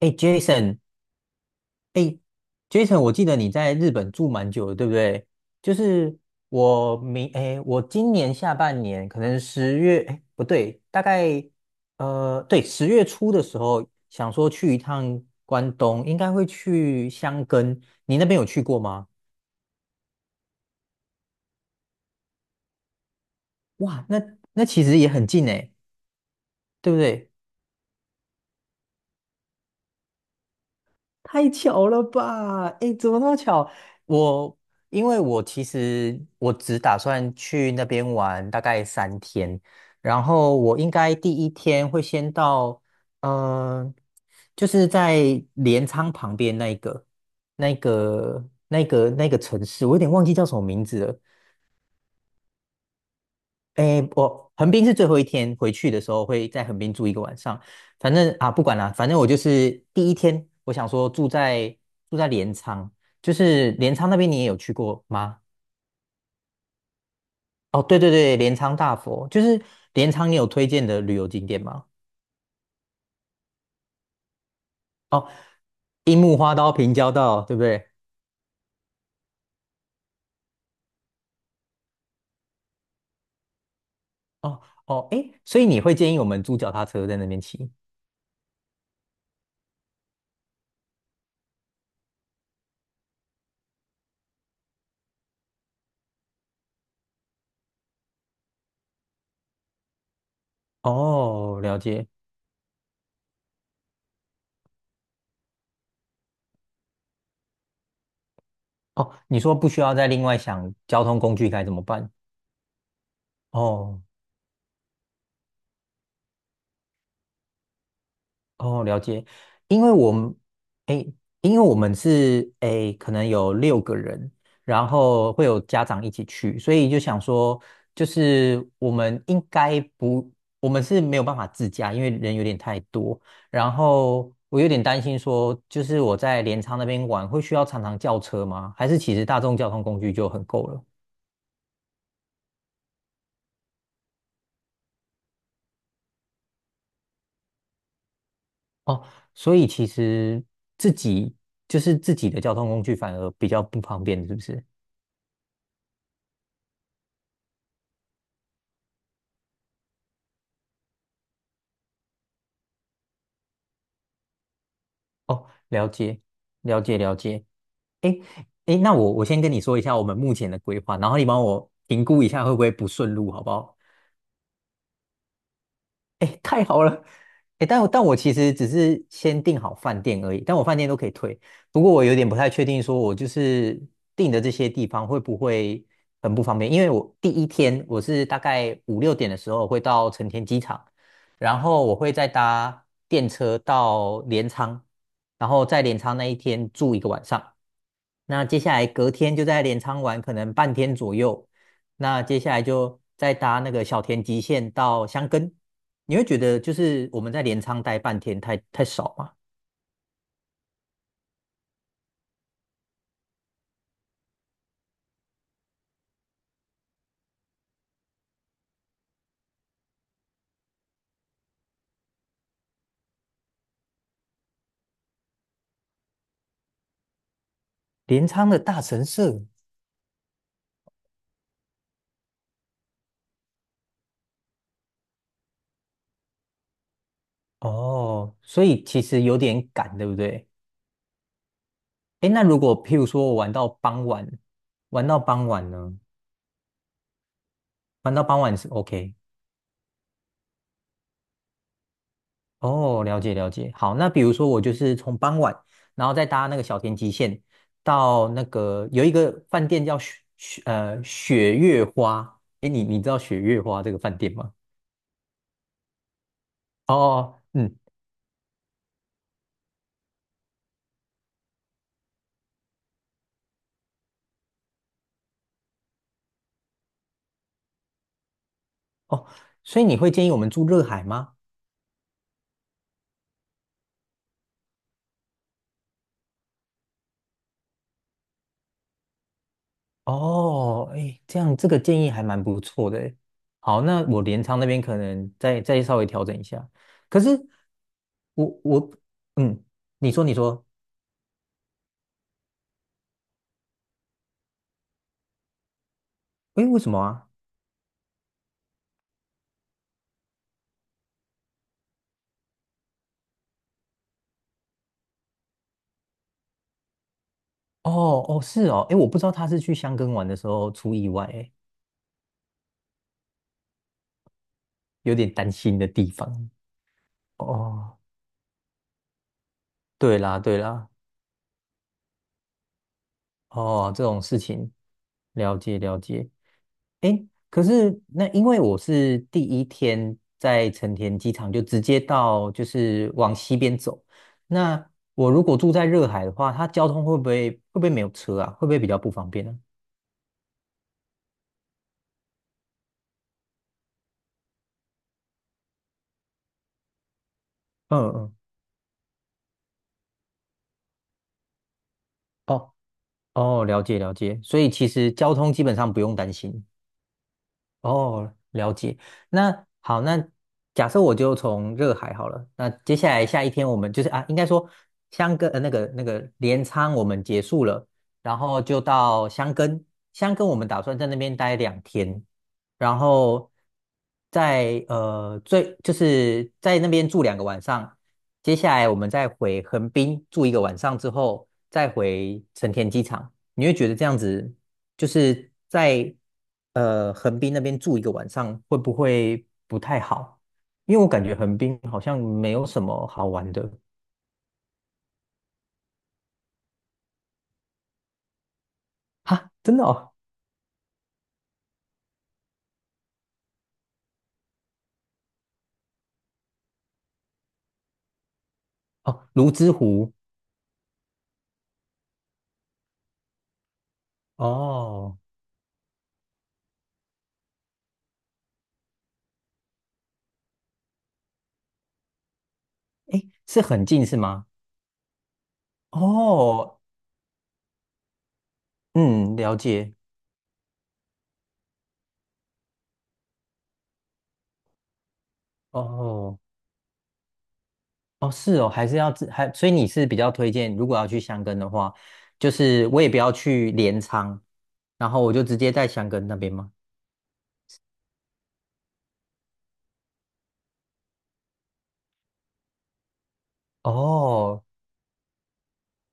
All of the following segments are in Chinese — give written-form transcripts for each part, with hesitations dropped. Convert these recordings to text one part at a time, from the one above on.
哎，Jason，Jason，我记得你在日本住蛮久的，对不对？就是哎，我今年下半年可能十月，哎，不对，大概对，10月初的时候想说去一趟关东，应该会去箱根。你那边有去过吗？哇，那其实也很近哎，对不对？太巧了吧！哎，怎么那么巧？我因为我其实我只打算去那边玩大概3天，然后我应该第一天会先到，嗯，就是在镰仓旁边那一个、那个、那个、那个城市，我有点忘记叫什么名字了。诶，我横滨是最后一天回去的时候会在横滨住一个晚上，反正啊不管了，反正我就是第一天，我想说住在镰仓，就是镰仓那边你也有去过吗？哦，对对对，镰仓大佛，就是镰仓，你有推荐的旅游景点吗？哦，樱木花道、平交道，对不对？哦哦，诶，所以你会建议我们租脚踏车在那边骑？哦，了解。哦，你说不需要再另外想交通工具该怎么办？哦。哦，了解，因为我们，诶，因为我们是可能有6个人，然后会有家长一起去，所以就想说，就是我们应该不，我们是没有办法自驾，因为人有点太多。然后我有点担心说，就是我在镰仓那边玩，会需要常常叫车吗？还是其实大众交通工具就很够了？哦，所以其实自己自己的交通工具反而比较不方便，是不是？哦，了解，了解，了解。诶诶，那我先跟你说一下我们目前的规划，然后你帮我评估一下会不会不顺路，好不好？哎，太好了！哎，但我其实只是先订好饭店而已，但我饭店都可以退。不过我有点不太确定，说我就是订的这些地方会不会很不方便？因为我第一天我是大概五六点的时候会到成田机场，然后我会再搭电车到镰仓，然后在镰仓那一天住一个晚上。那接下来隔天就在镰仓玩，可能半天左右，那接下来就再搭那个小田急线到箱根。你会觉得就是我们在镰仓待半天太少嘛？镰仓的大神社，哦，所以其实有点赶，对不对？哎，那如果譬如说我玩到傍晚，玩到傍晚呢？玩到傍晚是 OK。哦，了解了解。好，那比如说我就是从傍晚，然后再搭那个小田急线到那个有一个饭店叫雪月花。哎，你知道雪月花这个饭店吗？哦，嗯，哦，所以你会建议我们住热海吗？哦，哎，这样这个建议还蛮不错的诶。好，那我镰仓那边可能再稍微调整一下。可是我我嗯，你说，哎，为什么啊？哦哦是哦，哎，我不知道他是去箱根玩的时候出意外，哎，有点担心的地方。哦，对啦对啦。哦，这种事情，了解了解。诶，可是那因为我是第一天在成田机场就直接到，就是往西边走。那我如果住在热海的话，它交通会不会没有车啊？会不会比较不方便呢、嗯嗯，哦哦，了解了解。所以其实交通基本上不用担心。哦，了解。那好，那假设我就从热海好了。那接下来下一天我们就是啊，应该说箱根那个镰仓我们结束了，然后就到箱根。箱根我们打算在那边待2天，然后在呃最就是在那边住2个晚上。接下来我们再回横滨住一个晚上之后，再回成田机场。你会觉得这样子？就是在横滨那边住一个晚上，会不会不太好？因为我感觉横滨好像没有什么好玩的哈，真的哦，哦，泸沽湖哦，哎，是很近是吗？哦，嗯，了解。哦，哦，是哦，还是要自还，所以你是比较推荐，如果要去箱根的话，就是我也不要去镰仓，然后我就直接在箱根那边吗？哦，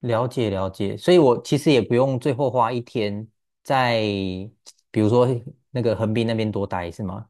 了解了解，所以我其实也不用最后花一天在，比如说那个横滨那边多待是吗？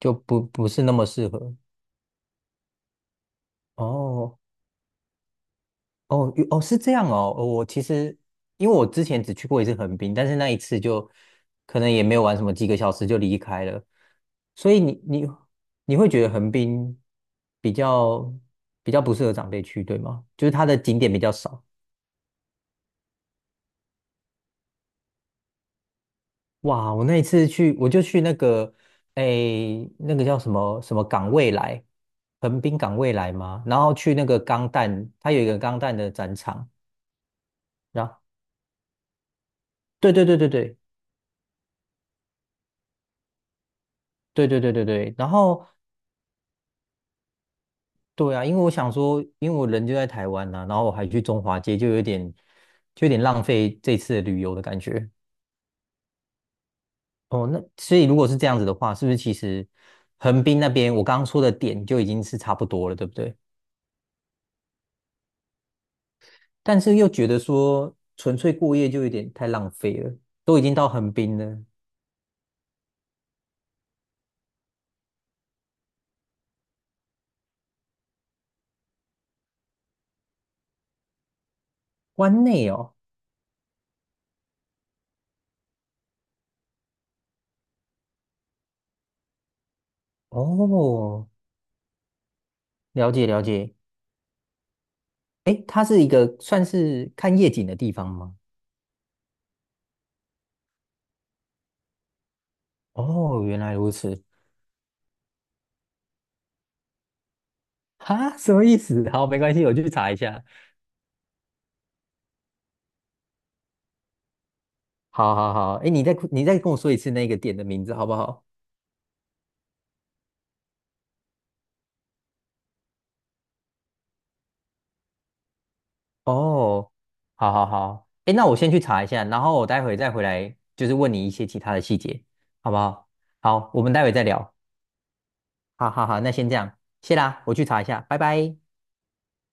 就不是那么适合。哦哦哦，是这样哦。哦我其实因为我之前只去过一次横滨，但是那一次就可能也没有玩什么，几个小时就离开了。所以你会觉得横滨比较比较不适合长辈去，对吗？就是它的景点比较少。哇，我那一次去，我就去那个，诶，那个叫什么什么港未来，横滨港未来嘛，然后去那个钢弹，它有一个钢弹的展场，然后对对对对对对对对对对，然后对啊，因为我想说，因为我人就在台湾呐、然后我还去中华街，就有点浪费这次的旅游的感觉。哦，那所以如果是这样子的话，是不是其实横滨那边我刚刚说的点就已经是差不多了，对不对？但是又觉得说纯粹过夜就有点太浪费了，都已经到横滨了，湾内哦，哦，了解了解，诶，它是一个算是看夜景的地方吗？哦，原来如此，哈，什么意思？好，没关系，我去查一下。好好好，诶，你再跟我说一次那个店的名字好不好？哦，好好好，诶，那我先去查一下，然后我待会再回来，就是问你一些其他的细节，好不好？好，我们待会再聊。好好好，那先这样，谢啦，我去查一下，拜拜。